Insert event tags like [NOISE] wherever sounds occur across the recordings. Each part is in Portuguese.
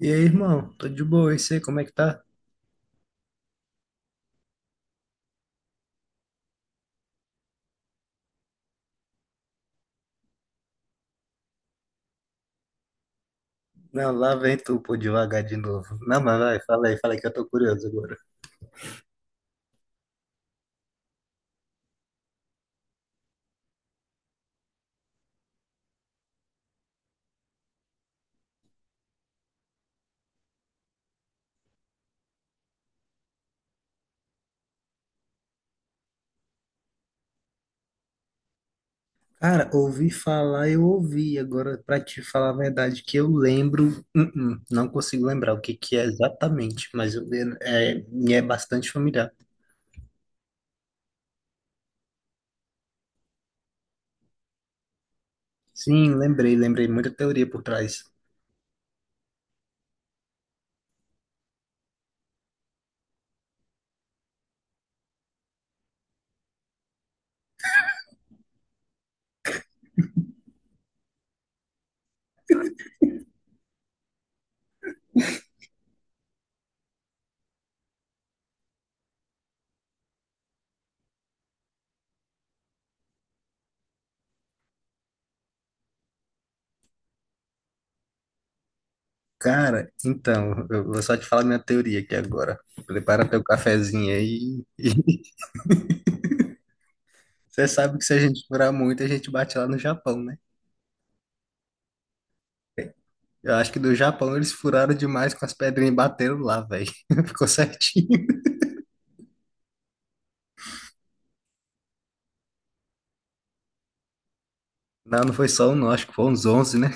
E aí, irmão? Tô de boa, e sei como é que tá? Não, lá vem tu, pô, devagar de novo. Não, mas vai, fala aí que eu tô curioso agora. Cara, ouvi falar, eu ouvi. Agora, pra te falar a verdade, que eu lembro, uh-uh, não consigo lembrar o que que é exatamente, mas eu, é, me é bastante familiar. Sim, lembrei, lembrei, muita teoria por trás. Cara, então, eu vou só te falar minha teoria aqui agora. Prepara teu cafezinho aí. [LAUGHS] Você sabe que se a gente durar muito, a gente bate lá no Japão, né? Eu acho que do Japão eles furaram demais com as pedrinhas e bateram lá, velho. [LAUGHS] Ficou certinho. Não, não foi só um, não. Acho que foram uns 11, né?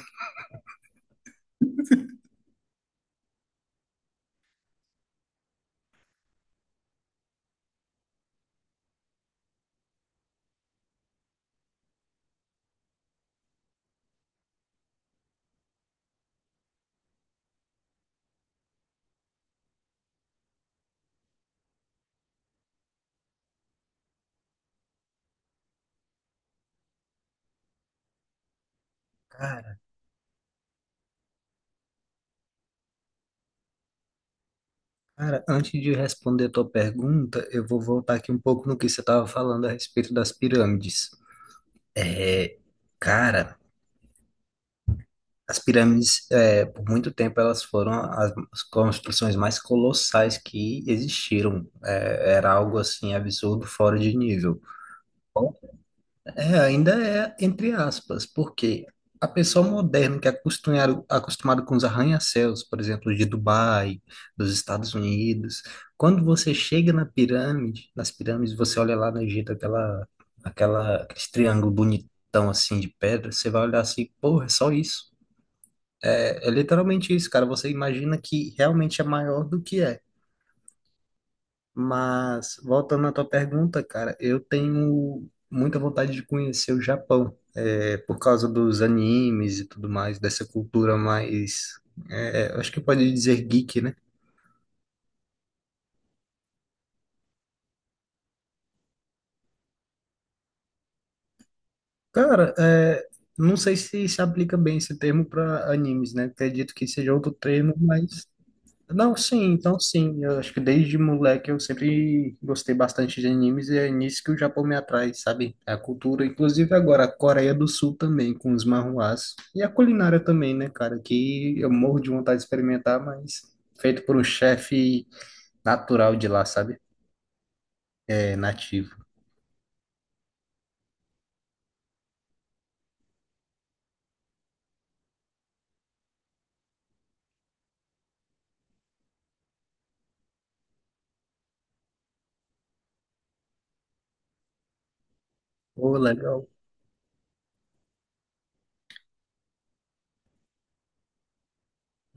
Cara, cara, antes de responder a tua pergunta, eu vou voltar aqui um pouco no que você estava falando a respeito das pirâmides. É, cara, as pirâmides, é, por muito tempo, elas foram as construções mais colossais que existiram. É, era algo assim absurdo, fora de nível. É, ainda é entre aspas, porque a pessoa moderna que é acostumado com os arranha-céus, por exemplo, de Dubai, dos Estados Unidos, quando você chega na pirâmide, nas pirâmides, você olha lá no Egito, aquele triângulo bonitão assim de pedra, você vai olhar assim, porra, é só isso. É, é literalmente isso, cara. Você imagina que realmente é maior do que é. Mas, voltando à tua pergunta, cara, eu tenho muita vontade de conhecer o Japão, é, por causa dos animes e tudo mais, dessa cultura mais, é, acho que pode dizer geek, né? Cara, é, não sei se aplica bem esse termo para animes, né? Acredito que seja outro termo, mas não, sim, então sim. Eu acho que desde moleque eu sempre gostei bastante de animes e é nisso que o Japão me atrai, sabe? É a cultura, inclusive agora a Coreia do Sul também, com os manhuás. E a culinária também, né, cara? Que eu morro de vontade de experimentar, mas feito por um chefe natural de lá, sabe? É nativo. Ô, legal.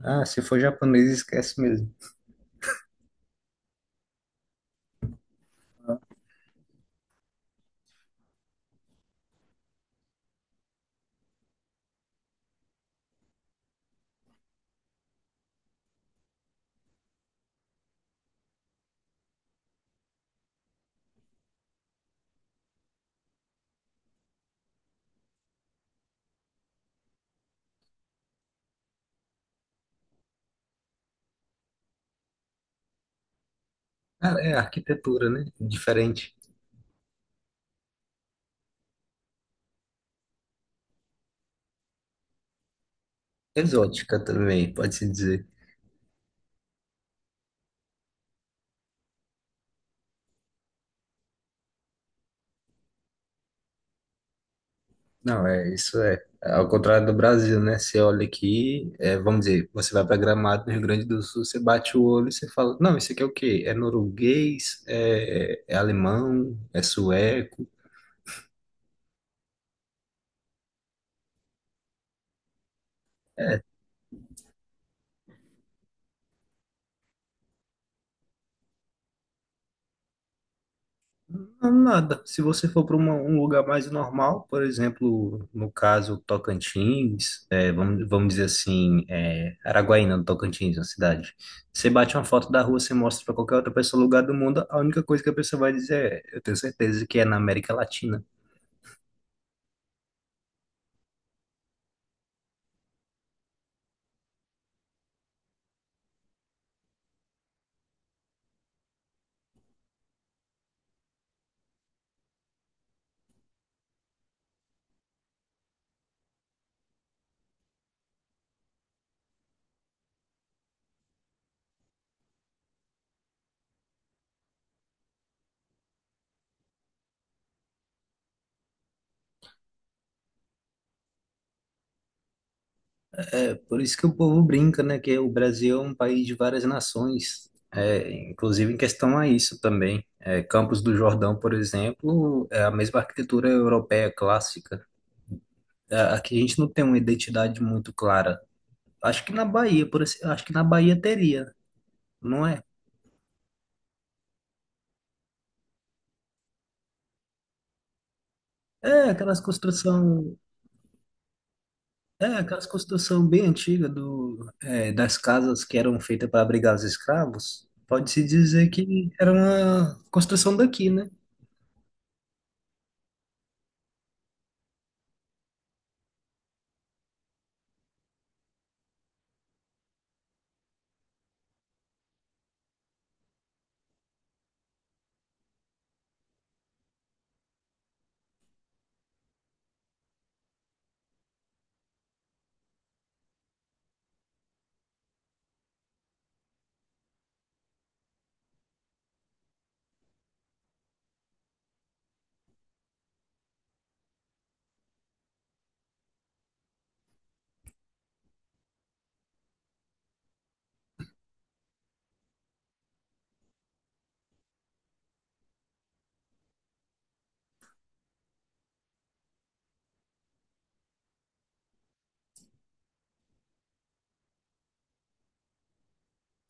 Ah, se for japonês, esquece mesmo. Ah, é arquitetura, né? Diferente. Exótica também, pode-se dizer. Não, é isso é. Ao contrário do Brasil, né? Você olha aqui, é, vamos dizer, você vai para Gramado, no Rio Grande do Sul, você bate o olho e você fala, não, isso aqui é o quê? É norueguês? É, é alemão? É sueco? Não, nada. Se você for para um lugar mais normal, por exemplo, no caso Tocantins, é, vamos dizer assim, é, Araguaína, no Tocantins, uma cidade. Você bate uma foto da rua, você mostra para qualquer outra pessoa, lugar do mundo, a única coisa que a pessoa vai dizer é, eu tenho certeza que é na América Latina. É por isso que o povo brinca, né? Que o Brasil é um país de várias nações. É, inclusive em questão a isso também. É, Campos do Jordão, por exemplo, é a mesma arquitetura europeia clássica. É, aqui a gente não tem uma identidade muito clara. Acho que na Bahia, acho que na Bahia teria, não é? É aquelas construção, é aquelas construção bem antiga do, é, das casas que eram feitas para abrigar os escravos. Pode-se dizer que era uma construção daqui, né?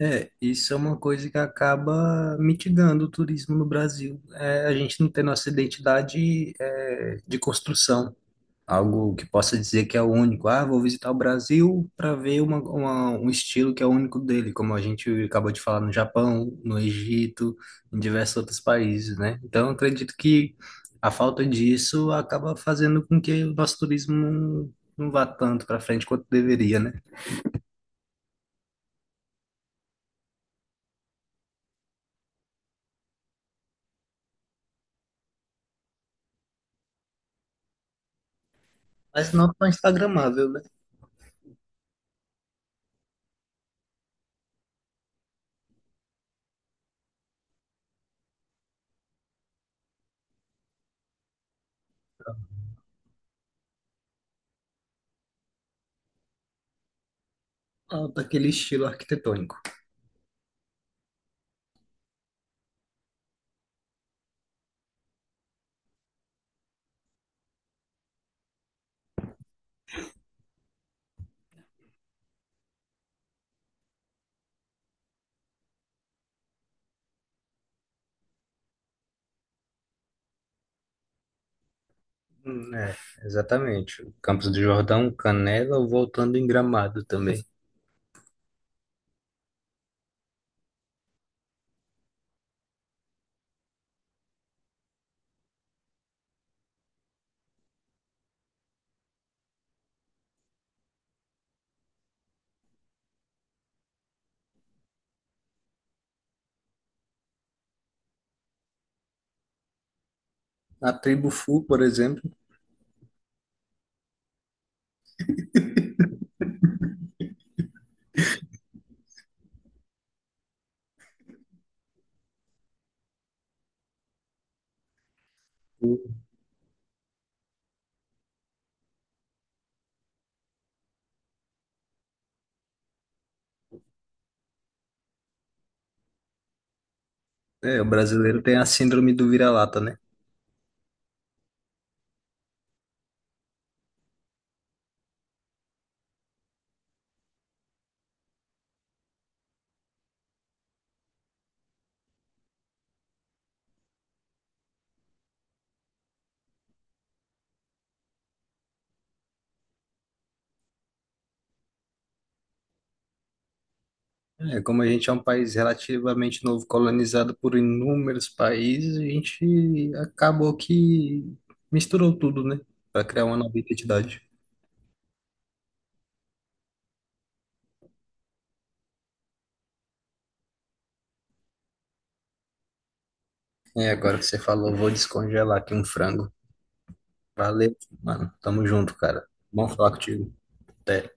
É, isso é uma coisa que acaba mitigando o turismo no Brasil. É, a gente não tem nossa identidade, é, de construção, algo que possa dizer que é o único. Ah, vou visitar o Brasil para ver um estilo que é o único dele, como a gente acabou de falar no Japão, no Egito, em diversos outros países, né? Então, eu acredito que a falta disso acaba fazendo com que o nosso turismo não vá tanto para frente quanto deveria, né? Mas não tão instagramável, né? Ah, daquele estilo arquitetônico. É, exatamente. O Campos do Jordão, Canela, voltando em Gramado também. A tribo Fu, por exemplo, o- o brasileiro tem a síndrome do vira-lata, né? É, como a gente é um país relativamente novo, colonizado por inúmeros países, a gente acabou que misturou tudo, né? Para criar uma nova identidade. É, agora que você falou, vou descongelar aqui um frango. Valeu, mano. Tamo junto, cara. Bom falar contigo. Até.